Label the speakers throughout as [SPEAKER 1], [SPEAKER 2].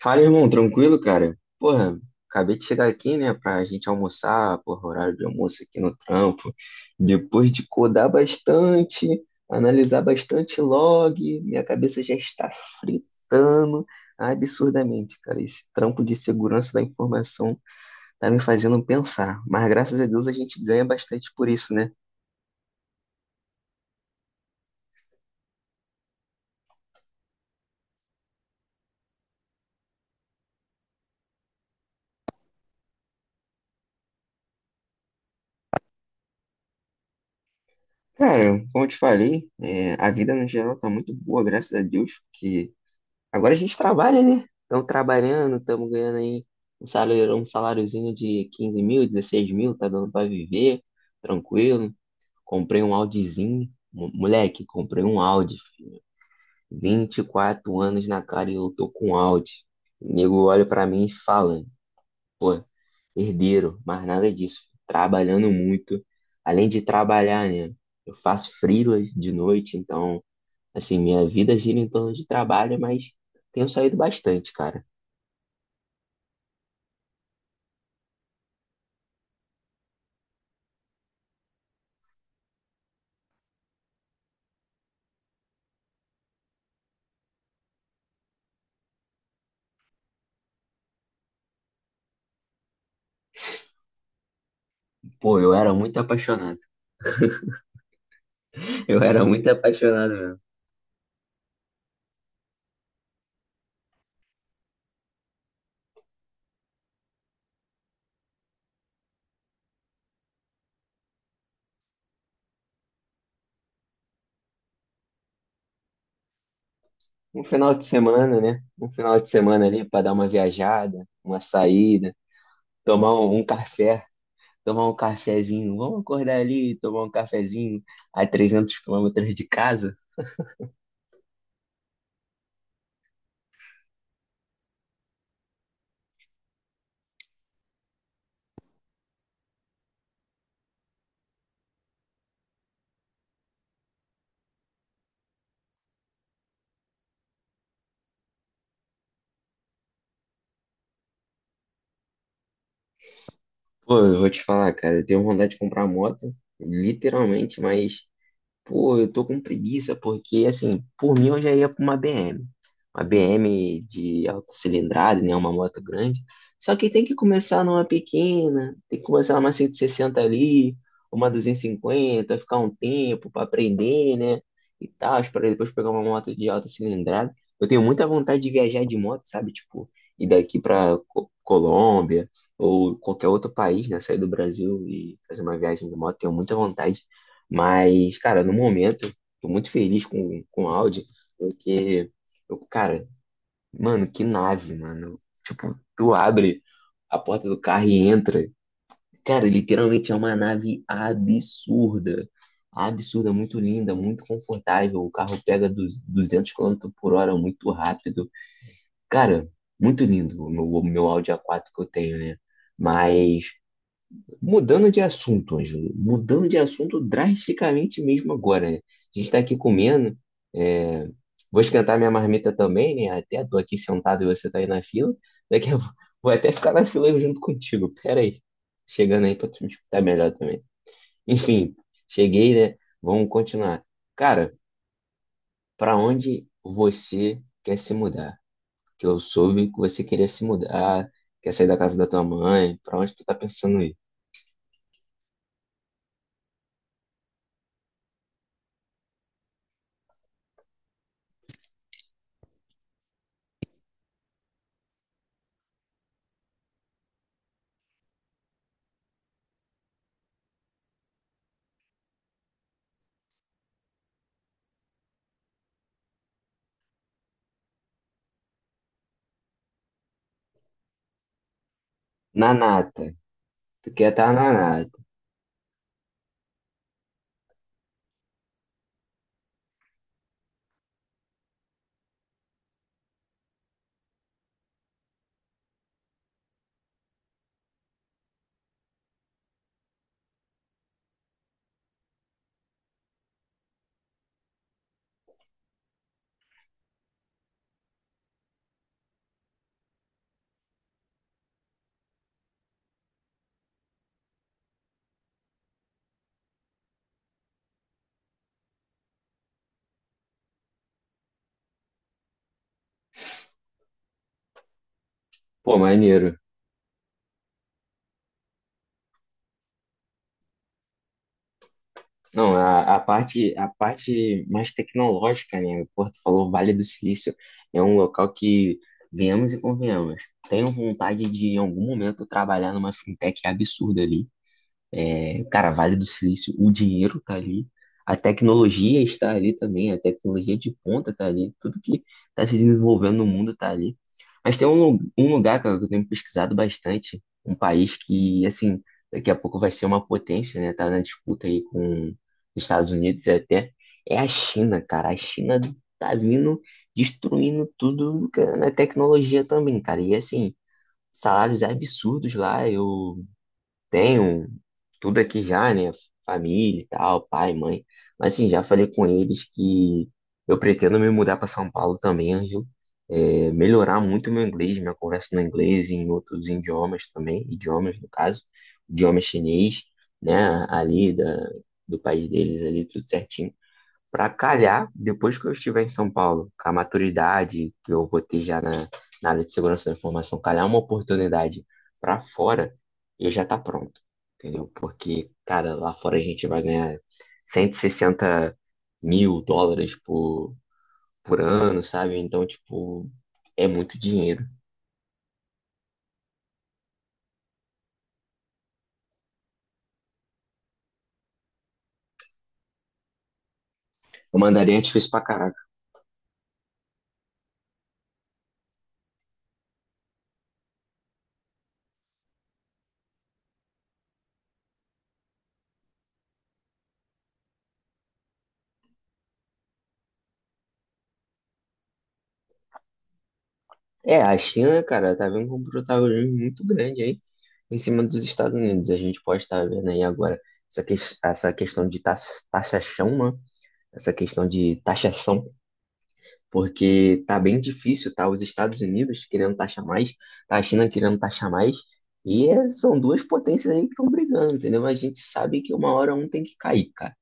[SPEAKER 1] Fala, irmão, tranquilo, cara? Porra, acabei de chegar aqui, né, pra gente almoçar, porra, horário de almoço aqui no trampo. Depois de codar bastante, analisar bastante log, minha cabeça já está fritando absurdamente, cara. Esse trampo de segurança da informação tá me fazendo pensar, mas graças a Deus a gente ganha bastante por isso, né? Cara, como eu te falei, é, a vida no geral tá muito boa, graças a Deus, porque agora a gente trabalha, né? Estamos trabalhando, estamos ganhando aí um salário, um saláriozinho de 15 mil, 16 mil, tá dando para viver, tranquilo. Comprei um Audizinho, moleque, comprei um Audi, filho. 24 anos na cara e eu tô com Audi. O nego olha para mim e fala, pô, herdeiro, mas nada disso, filho. Trabalhando muito. Além de trabalhar, né? Eu faço freelas de noite, então, assim, minha vida gira em torno de trabalho, mas tenho saído bastante, cara. Pô, eu era muito apaixonado. Eu era muito apaixonado mesmo. Um final de semana, né? Um final de semana ali pra dar uma viajada, uma saída, tomar um café, tomar um cafezinho. Vamos acordar ali, e tomar um cafezinho a 300 quilômetros de casa. Pô, eu vou te falar, cara, eu tenho vontade de comprar moto, literalmente, mas pô, eu tô com preguiça porque, assim, por mim eu já ia pra uma BM. Uma BM de alta cilindrada, né? Uma moto grande. Só que tem que começar numa pequena, tem que começar numa 160 ali, uma 250, ficar um tempo pra aprender, né? E tal, para depois pegar uma moto de alta cilindrada. Eu tenho muita vontade de viajar de moto, sabe? Tipo, ir daqui pra Colômbia ou qualquer outro país, né? Sair do Brasil e fazer uma viagem de moto, tenho muita vontade. Mas, cara, no momento, tô muito feliz com o Audi, porque, eu, cara, mano, que nave, mano. Tipo, tu abre a porta do carro e entra. Cara, literalmente é uma nave absurda. Absurda, muito linda, muito confortável. O carro pega dos 200 km/h muito rápido. Cara, muito lindo o meu Audi A4 que eu tenho, né? Mas mudando de assunto, Ângelo, mudando de assunto drasticamente mesmo agora, né? A gente está aqui comendo, é, vou esquentar minha marmita também, né? Até tô aqui sentado e você tá aí na fila. Daqui a... Vou até ficar na fila junto contigo. Pera aí. Chegando aí para tu me escutar melhor também. Enfim, cheguei, né? Vamos continuar. Cara, para onde você quer se mudar? Que eu soube que você queria se mudar, quer sair da casa da tua mãe. Para onde tu tá pensando ir? Na nata. Tu quer estar na nada. Pô, maneiro. Não, a parte mais tecnológica, né? Pô, tu falou Vale do Silício é um local que, venhamos e convenhamos, tenho vontade de, em algum momento, trabalhar numa fintech absurda ali. É, cara, Vale do Silício, o dinheiro tá ali, a tecnologia está ali também, a tecnologia de ponta tá ali, tudo que tá se desenvolvendo no mundo tá ali. Mas tem um, um lugar, cara, que eu tenho pesquisado bastante, um país que, assim, daqui a pouco vai ser uma potência, né? Tá na disputa aí com os Estados Unidos até, é a China, cara. A China tá vindo destruindo tudo, cara, na tecnologia também, cara. E, assim, salários absurdos lá, eu tenho tudo aqui já, né? Família e tal, pai, mãe. Mas assim, já falei com eles que eu pretendo me mudar para São Paulo também, Ângelo. É, melhorar muito o meu inglês, minha conversa no inglês e em outros idiomas também, idiomas no caso, idioma chinês, né? Ali da, do país deles ali, tudo certinho para calhar, depois que eu estiver em São Paulo, com a maturidade que eu vou ter já na, na área de segurança da informação, calhar uma oportunidade para fora, eu já tá pronto, entendeu? Porque, cara, lá fora a gente vai ganhar 160 mil dólares por ano, sabe? Então, tipo, é muito dinheiro. O mandarim é difícil pra caralho. É, a China, cara, tá vendo com um protagonismo muito grande aí em cima dos Estados Unidos. A gente pode estar vendo aí agora essa, essa questão de taxação, né? Essa questão de taxação porque tá bem difícil, tá? Os Estados Unidos querendo taxar mais, tá a China querendo taxar mais, e são duas potências aí que estão brigando, entendeu? Mas a gente sabe que uma hora um tem que cair, cara.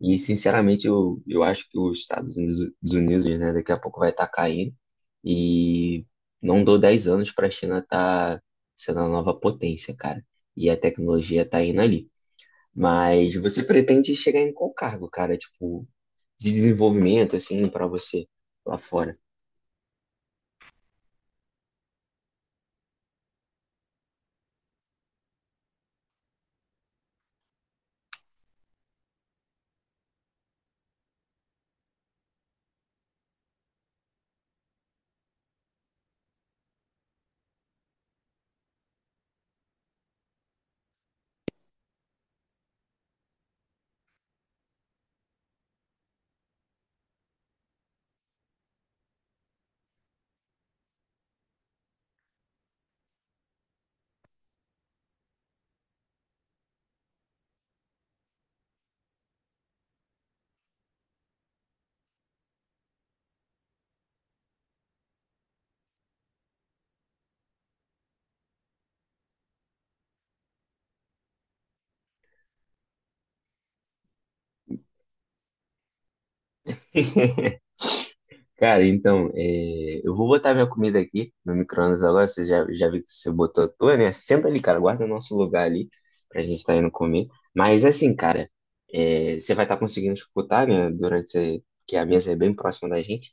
[SPEAKER 1] E, sinceramente, eu acho que os Estados Unidos, né, daqui a pouco vai estar caindo, e não dou 10 anos para a China estar sendo a nova potência, cara. E a tecnologia tá indo ali. Mas você pretende chegar em qual cargo, cara? Tipo, de desenvolvimento, assim, para você lá fora? Cara, então, é, eu vou botar minha comida aqui no micro-ondas agora. Você já viu que você botou a tua, né? Senta ali, cara, guarda o nosso lugar ali pra gente tá indo comer. Mas assim, cara, é, você vai estar conseguindo escutar, né? Durante esse- que a mesa é bem próxima da gente.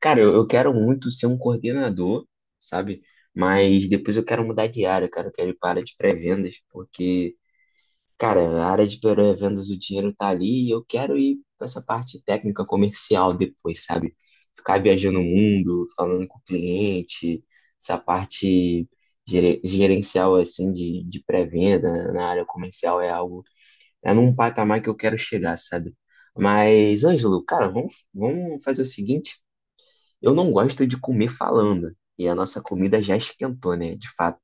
[SPEAKER 1] Cara, eu quero muito ser um coordenador, sabe? Mas depois eu quero mudar de área, cara. Eu quero ir para a área de pré-vendas, porque cara, a área de pré-vendas, o dinheiro tá ali e eu quero ir pra essa parte técnica comercial depois, sabe? Ficar viajando o mundo, falando com o cliente, essa parte gerencial, assim, de pré-venda na área comercial é algo, é num patamar que eu quero chegar, sabe? Mas, Ângelo, cara, vamos fazer o seguinte: eu não gosto de comer falando e a nossa comida já esquentou, né? De fato.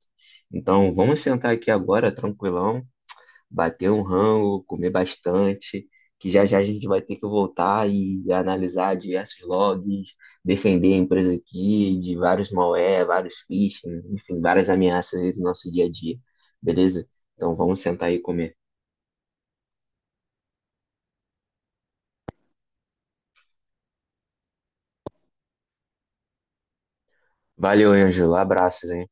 [SPEAKER 1] Então, vamos sentar aqui agora, tranquilão, bater um rango, comer bastante, que já já a gente vai ter que voltar e analisar diversos logs, defender a empresa aqui de vários malware, vários phishing, enfim, várias ameaças aí do nosso dia a dia, beleza? Então vamos sentar aí e comer. Valeu, Ângelo. Abraços, hein?